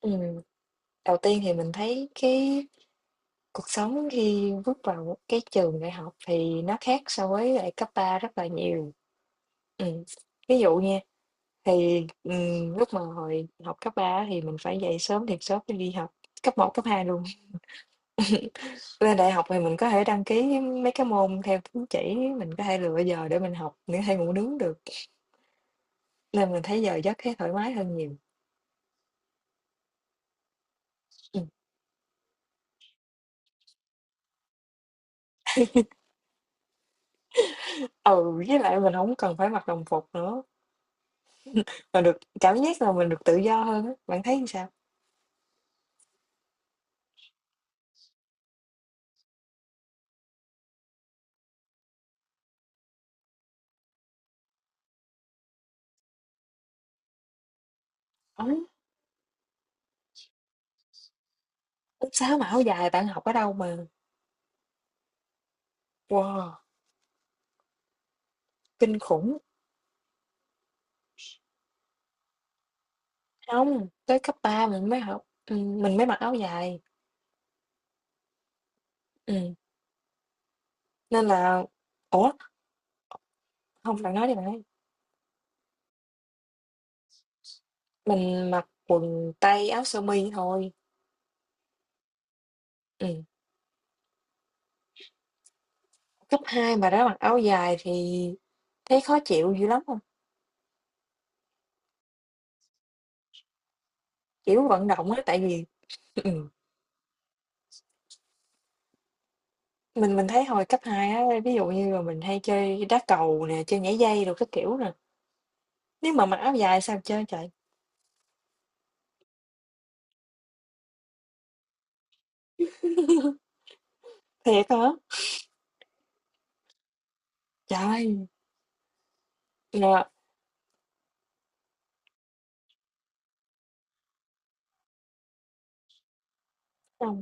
Ừm, đầu tiên thì mình thấy cái cuộc sống khi bước vào cái trường đại học thì nó khác so với lại cấp 3 rất là nhiều. Ừm, ví dụ nha, lúc mà hồi học cấp 3 á thì mình phải dậy sớm thiệt sớm để đi học, cấp một cấp 2 luôn. Lên đại học thì mình có thể đăng ký mấy cái môn theo tín chỉ, mình có thể lựa giờ để mình học, mình có thể ngủ nướng được, nên mình thấy giờ giấc thấy thoải mái hơn nhiều. Ừm, ừ, với lại mình không cần phải mặc đồng phục nữa, mà được cảm giác là mình được tự do hơn á, bạn thấy như sao? Ừ. Lớp 6 mà áo dài bạn học ở đâu mà wow, kinh khủng. Không tới cấp 3 mình mới học mình mới mặc áo dài, ừm, nên là ủa, không bạn nói đi, bạn nói mình mặc quần tây, áo sơ mi thôi, ừm. Cấp hai mà đã mặc áo dài thì thấy khó chịu dữ lắm không? Kiểu, vận động á, tại vì ừm, mình thấy hồi cấp 2 á, ví dụ như là mình hay chơi đá cầu nè, chơi nhảy dây rồi các kiểu nè, nếu mà mặc áo dài sao chơi trời? Thiệt hả, trời ơi, là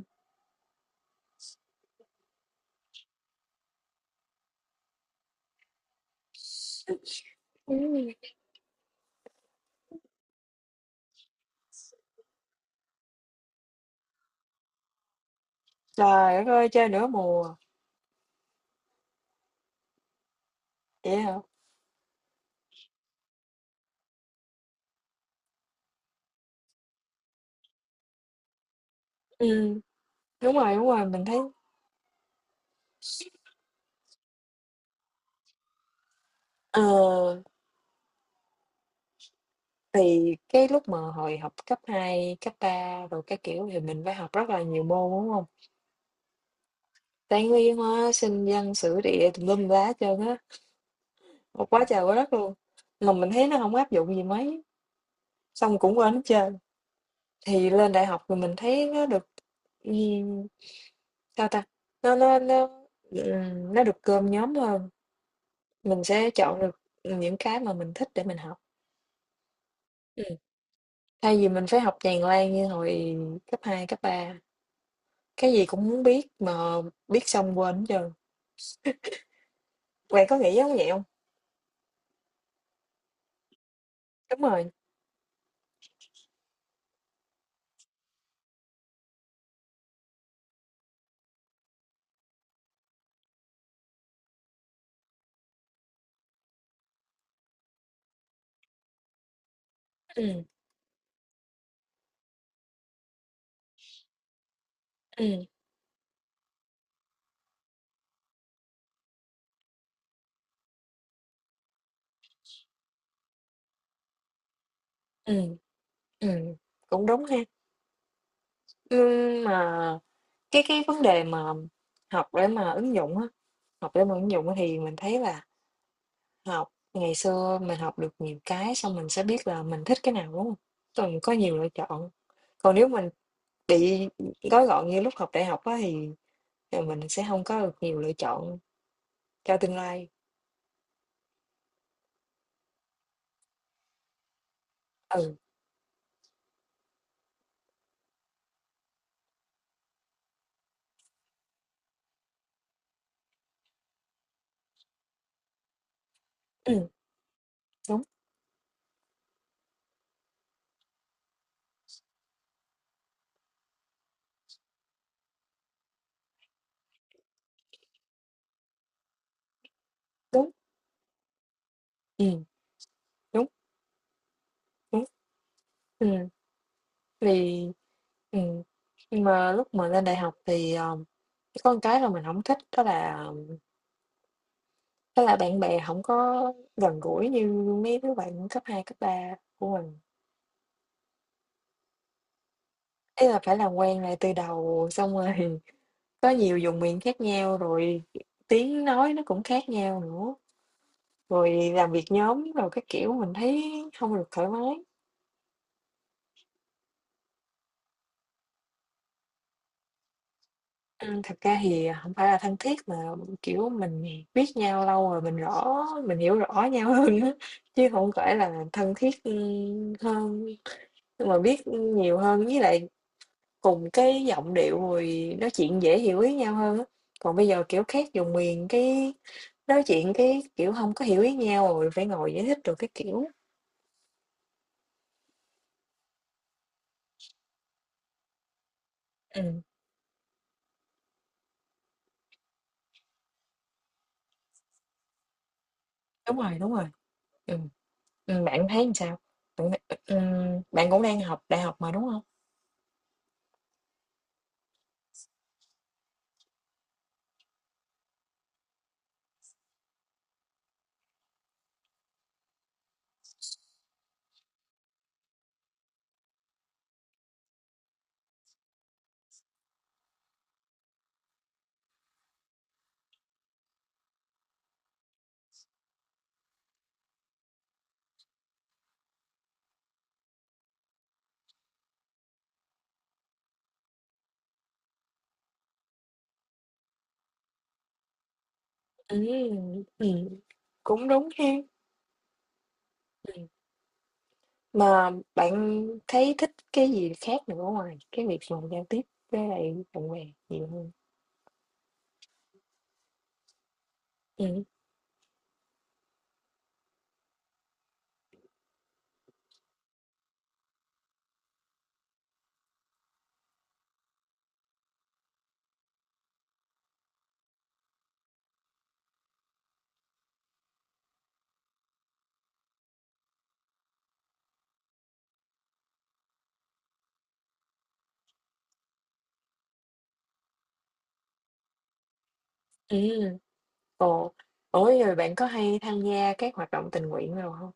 ừm. Trời đất ơi, chơi nửa mùa, vậy hả? Ừm, đúng rồi, mình thấy ờ, thì cái lúc mà hồi học cấp 2 cấp 3 rồi các kiểu thì mình phải học rất là nhiều môn, đúng hông? Toán, lý, hóa, sinh, văn, sử, địa tùm lum la hết trơn á, một quá trời quá đất luôn, mà mình thấy nó hổng áp dụng gì mấy, xong cũng quên hết trơn. Thì lên đại học thì mình thấy nó được, ừm, sao ta, nó nó nó, nó được cơm nhóm hơn. Mình sẽ chọn được những cái mà mình thích để mình học. Ừm. Thay vì mình phải học tràn lan như hồi cấp 2 cấp 3 cái gì cũng muốn biết mà biết xong quên hết trơn. Bạn có nghĩ giống vậy hông? Đúng rồi, ừm, ừm, ừm, ừm, cũng đúng ha. Mà cái vấn đề mà học để mà ứng dụng á, học để mà ứng dụng á thì mình thấy là học ngày xưa mình học được nhiều cái xong mình sẽ biết là mình thích cái nào, đúng hông? Xong có nhiều lựa chọn. Còn nếu mình bị gói gọn như lúc học đại học á thì, ờ, mình sẽ hông có được nhiều lựa chọn cho tương lai. Ừ, ừm, đúng, đúng, ừm, đúng, đúng, ừm, thì ừm, nhưng mà lúc mà lên đại học thì, ờ, có một cái là mình hổng thích đó là bạn bè hổng có gần gũi như mấy đứa bạn cấp 2 cấp 3 của mình. Ý là phải làm quen lại từ đầu, xong rồi có nhiều vùng miền khác nhau, rồi tiếng nói nó cũng khác nhau nữa. Rồi làm việc nhóm rồi các kiểu mình thấy hông được thoải mái. Thật ra thì hổng phải là thân thiết mà, kiểu, mình biết nhau lâu rồi mình rõ mình hiểu rõ nhau hơn á, chứ hổng phải là thân thiết, ưm, hơn, nhưng mà biết nhiều hơn với lại cùng cái giọng điệu rồi nói chuyện dễ hiểu ý nhau hơn á. Còn bây giờ, kiểu, khác vùng miền cái nói chuyện cái, kiểu, hông có hiểu ý nhau rồi phải ngồi giải thích đồ các kiểu. Ừm, đúng rồi, ừ. Bạn thấy làm sao? Bạn cũng đang học đại học mà, đúng hông? Ừm, ừm. Cũng đúng ha. Ừm. Mà bạn thấy thích cái gì khác nữa ngoài cái việc mà giao tiếp với lại bạn bè nhiều hơn? Ừm. Ừm. Ồ, ủa, rồi bạn có hay tham gia các hoạt động tình nguyện đồ hông?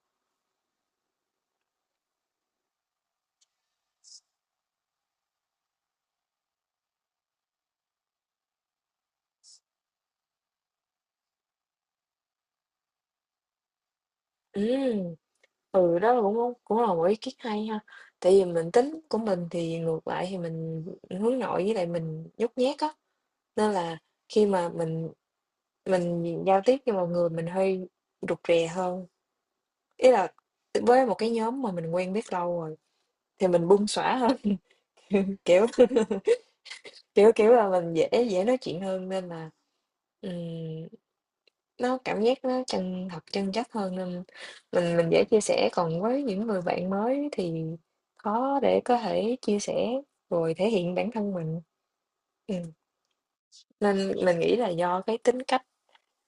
Ừm. Ừ, đó là cũng cũng là một ý kiến hay ha. Tại vì mình tính của mình thì ngược lại thì mình hướng nội với lại mình nhút nhát á, nên là khi mà mình giao tiếp với mọi người mình hơi rụt rè hơn, ý là với một cái nhóm mà mình quen biết lâu rồi thì mình bung xõa hơn, kiểu, kiểu là mình dễ dễ nói chuyện hơn nên là, ừm, nó cảm giác nó chân thật, chân chất hơn nên mình dễ chia sẻ. Còn với những người bạn mới thì khó để có thể chia sẻ rồi thể hiện bản thân mình. Ừm, nên mình nghĩ là do cái tính cách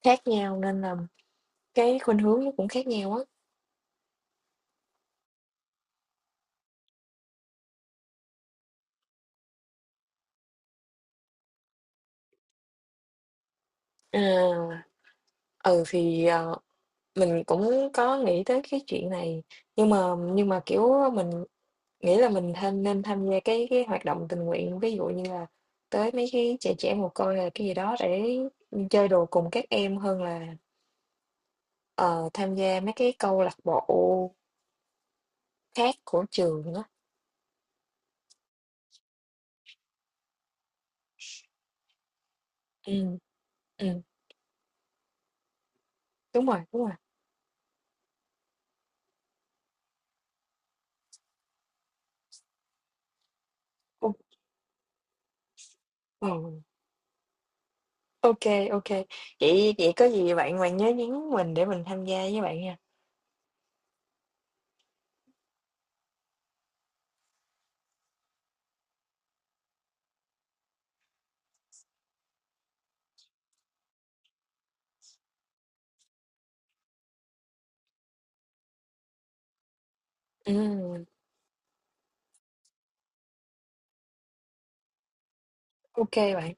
khác nhau nên là cái khuynh hướng nó cũng khác nhau á. À, ừ, mình cũng có nghĩ tới cái chuyện này, nhưng mà kiểu, mình nghĩ là mình tham nên tham gia cái hoạt động tình nguyện, ví dụ như là tới mấy cái trẻ trẻ mồ côi hay là cái gì đó để, chơi đùa cùng các em hơn là, ờ, tham gia mấy cái câu lạc bộ khác của trường á. Ừm, ừm, đúng rồi, đúng rồi. Ô, ừ, ô kê, Vậy vậy có gì bạn bạn nhớ nhắn mình để mình tham gia với bạn nha. Ừm, ô bạn.